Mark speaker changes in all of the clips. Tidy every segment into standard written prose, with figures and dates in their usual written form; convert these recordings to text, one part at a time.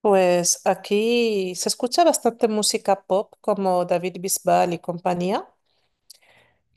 Speaker 1: Pues aquí se escucha bastante música pop como David Bisbal y compañía,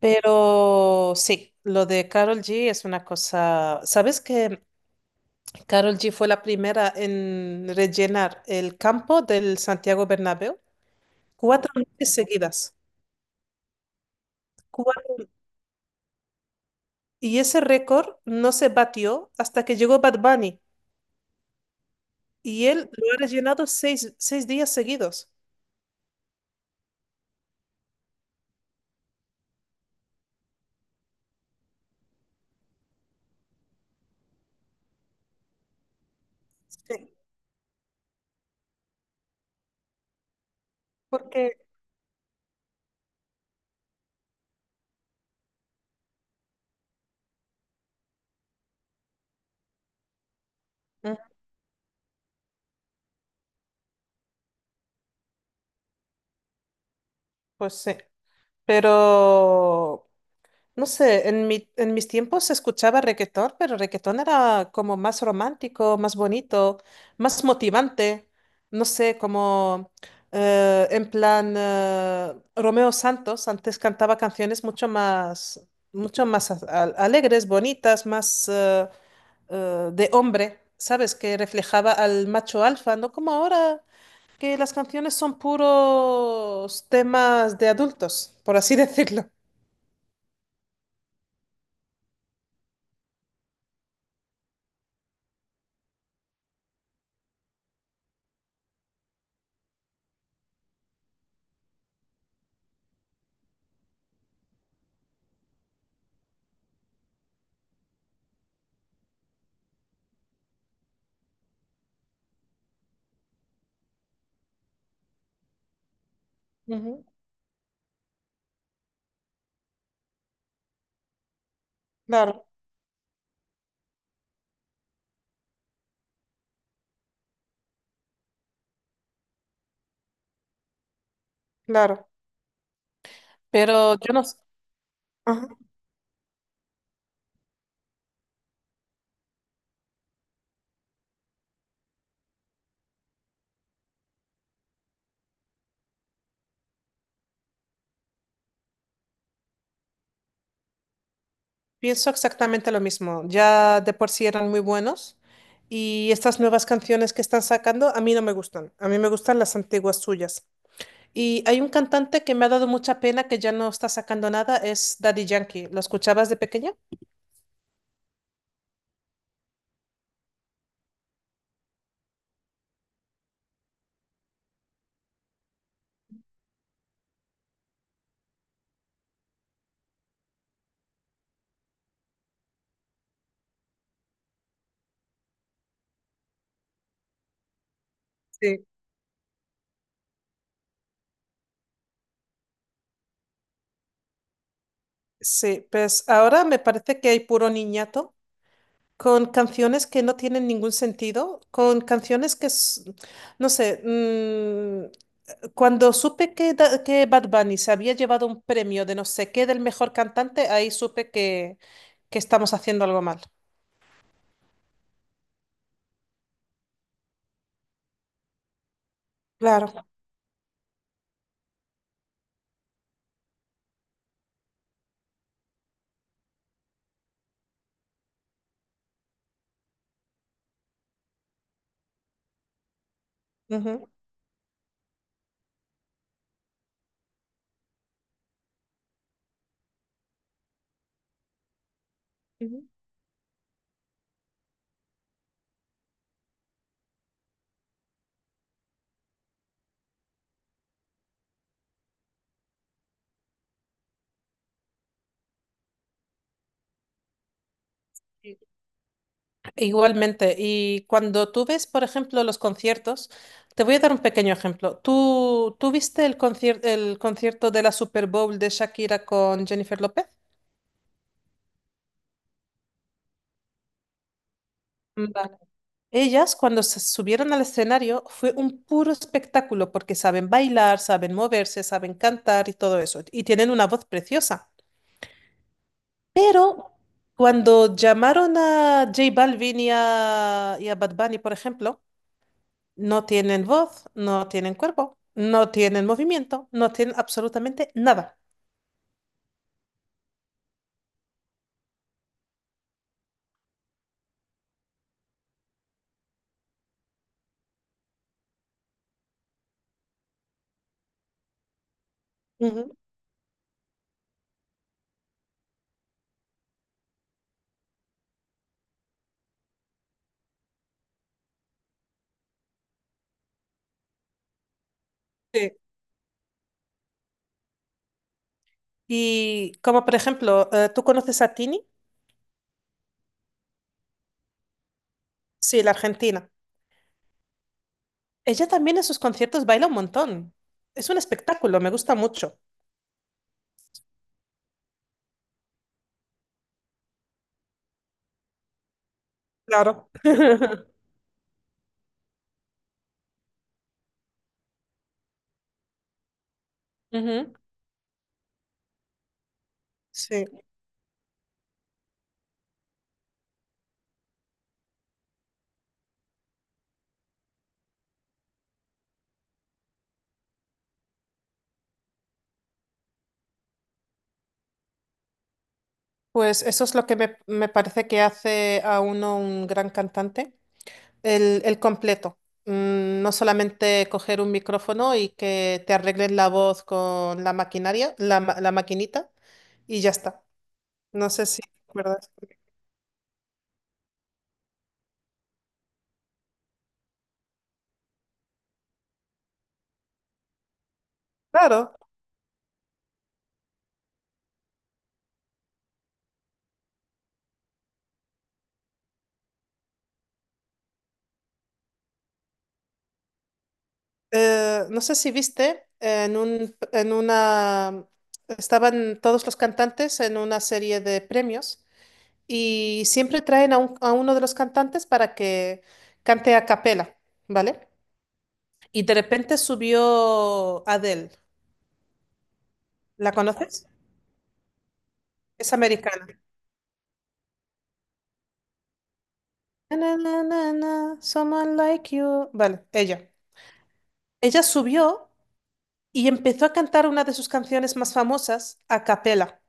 Speaker 1: pero sí, lo de Karol G es una cosa. ¿Sabes que Karol G fue la primera en rellenar el campo del Santiago Bernabéu? Cuatro noches seguidas. Cua- Y ese récord no se batió hasta que llegó Bad Bunny y él lo ha rellenado seis días seguidos. Sí, porque... Ujú. Pues sí, pero. No sé, en mis tiempos se escuchaba reggaetón, pero reggaetón era como más romántico, más bonito, más motivante. No sé, como en plan Romeo Santos antes cantaba canciones mucho más alegres, bonitas, más de hombre, ¿sabes? Que reflejaba al macho alfa, no como ahora que las canciones son puros temas de adultos, por así decirlo. Ujú. Claro, claro. Pero yo no s- Ajá, pienso exactamente lo mismo. Ya de por sí eran muy buenos y estas nuevas canciones que están sacando a mí no me gustan. A mí me gustan las antiguas suyas. Y hay un cantante que me ha dado mucha pena que ya no está sacando nada, es Daddy Yankee. ¿Lo escuchabas de pequeña? Sí. Sí, pues ahora me parece que hay puro niñato con canciones que no tienen ningún sentido, con canciones no sé, cuando supe que, que Bad Bunny se había llevado un premio de no sé qué del mejor cantante, ahí supe que estamos haciendo algo mal. Claro. Ujú, ujú. Igualmente, y cuando tú ves, por ejemplo, los conciertos, te voy a dar un pequeño ejemplo. ¿Tú viste el el concierto de la Super Bowl de Shakira con Jennifer López? Vale. Ellas, cuando se subieron al escenario, fue un puro espectáculo porque saben bailar, saben moverse, saben cantar y todo eso, y tienen una voz preciosa. Pero cuando llamaron a J Balvin y a Bad Bunny, por ejemplo, no tienen voz, no tienen cuerpo, no tienen movimiento, no tienen absolutamente nada. Ujú. Sí. Y como por ejemplo, ¿tú conoces a Tini? Sí, la argentina. Ella también en sus conciertos baila un montón. Es un espectáculo, me gusta mucho. Claro. Ujú. Sí. Pues eso es lo que me parece que hace a uno un gran cantante. El completo. No solamente coger un micrófono y que te arreglen la voz con la maquinaria, la maquinita, y ya está. No sé si te acuerdas. Claro, no sé si viste en una, estaban todos los cantantes en una serie de premios y siempre traen a uno de los cantantes para que cante a capela, ¿vale? Y de repente subió Adele. ¿La conoces? Es americana. Na, na, na, na, na, someone like you. Vale, ella. Ella subió y empezó a cantar una de sus canciones más famosas a capela.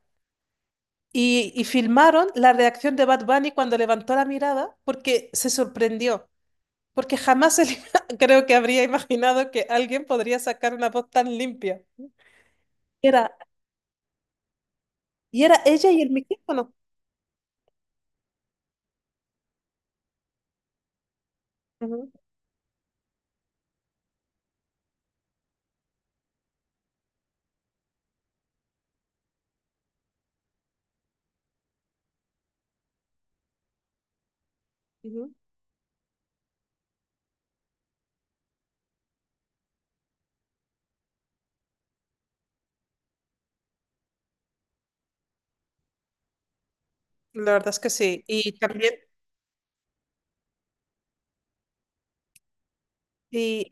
Speaker 1: Y filmaron la reacción de Bad Bunny cuando levantó la mirada porque se sorprendió, porque jamás él creo que habría imaginado que alguien podría sacar una voz tan limpia. Y era, y era ella y el micrófono. Ujú, ujú. La verdad es que sí. Y también, y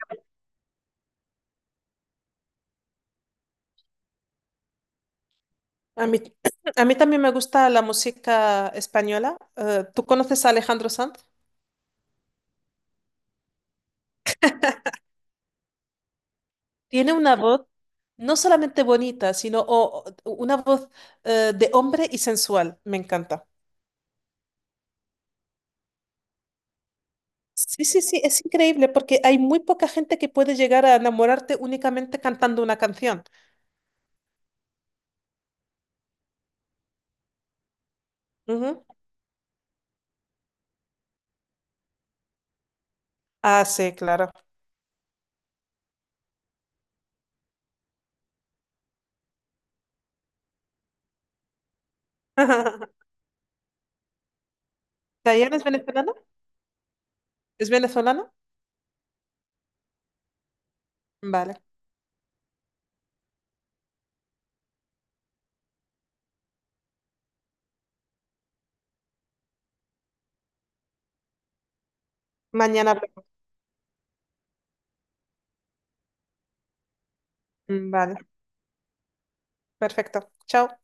Speaker 1: a mí, a mí también me gusta la música española. ¿Tú conoces a Alejandro Sanz? Tiene una voz no solamente bonita, sino una voz de hombre y sensual. Me encanta. Sí, sí, sí, es increíble porque hay muy poca gente que puede llegar a enamorarte únicamente cantando una canción. Ujú. Ah, sí, claro. ¿Diana es venezolana? ¿Es venezolana? Vale. Mañana hablamos. Vale, perfecto. Chao.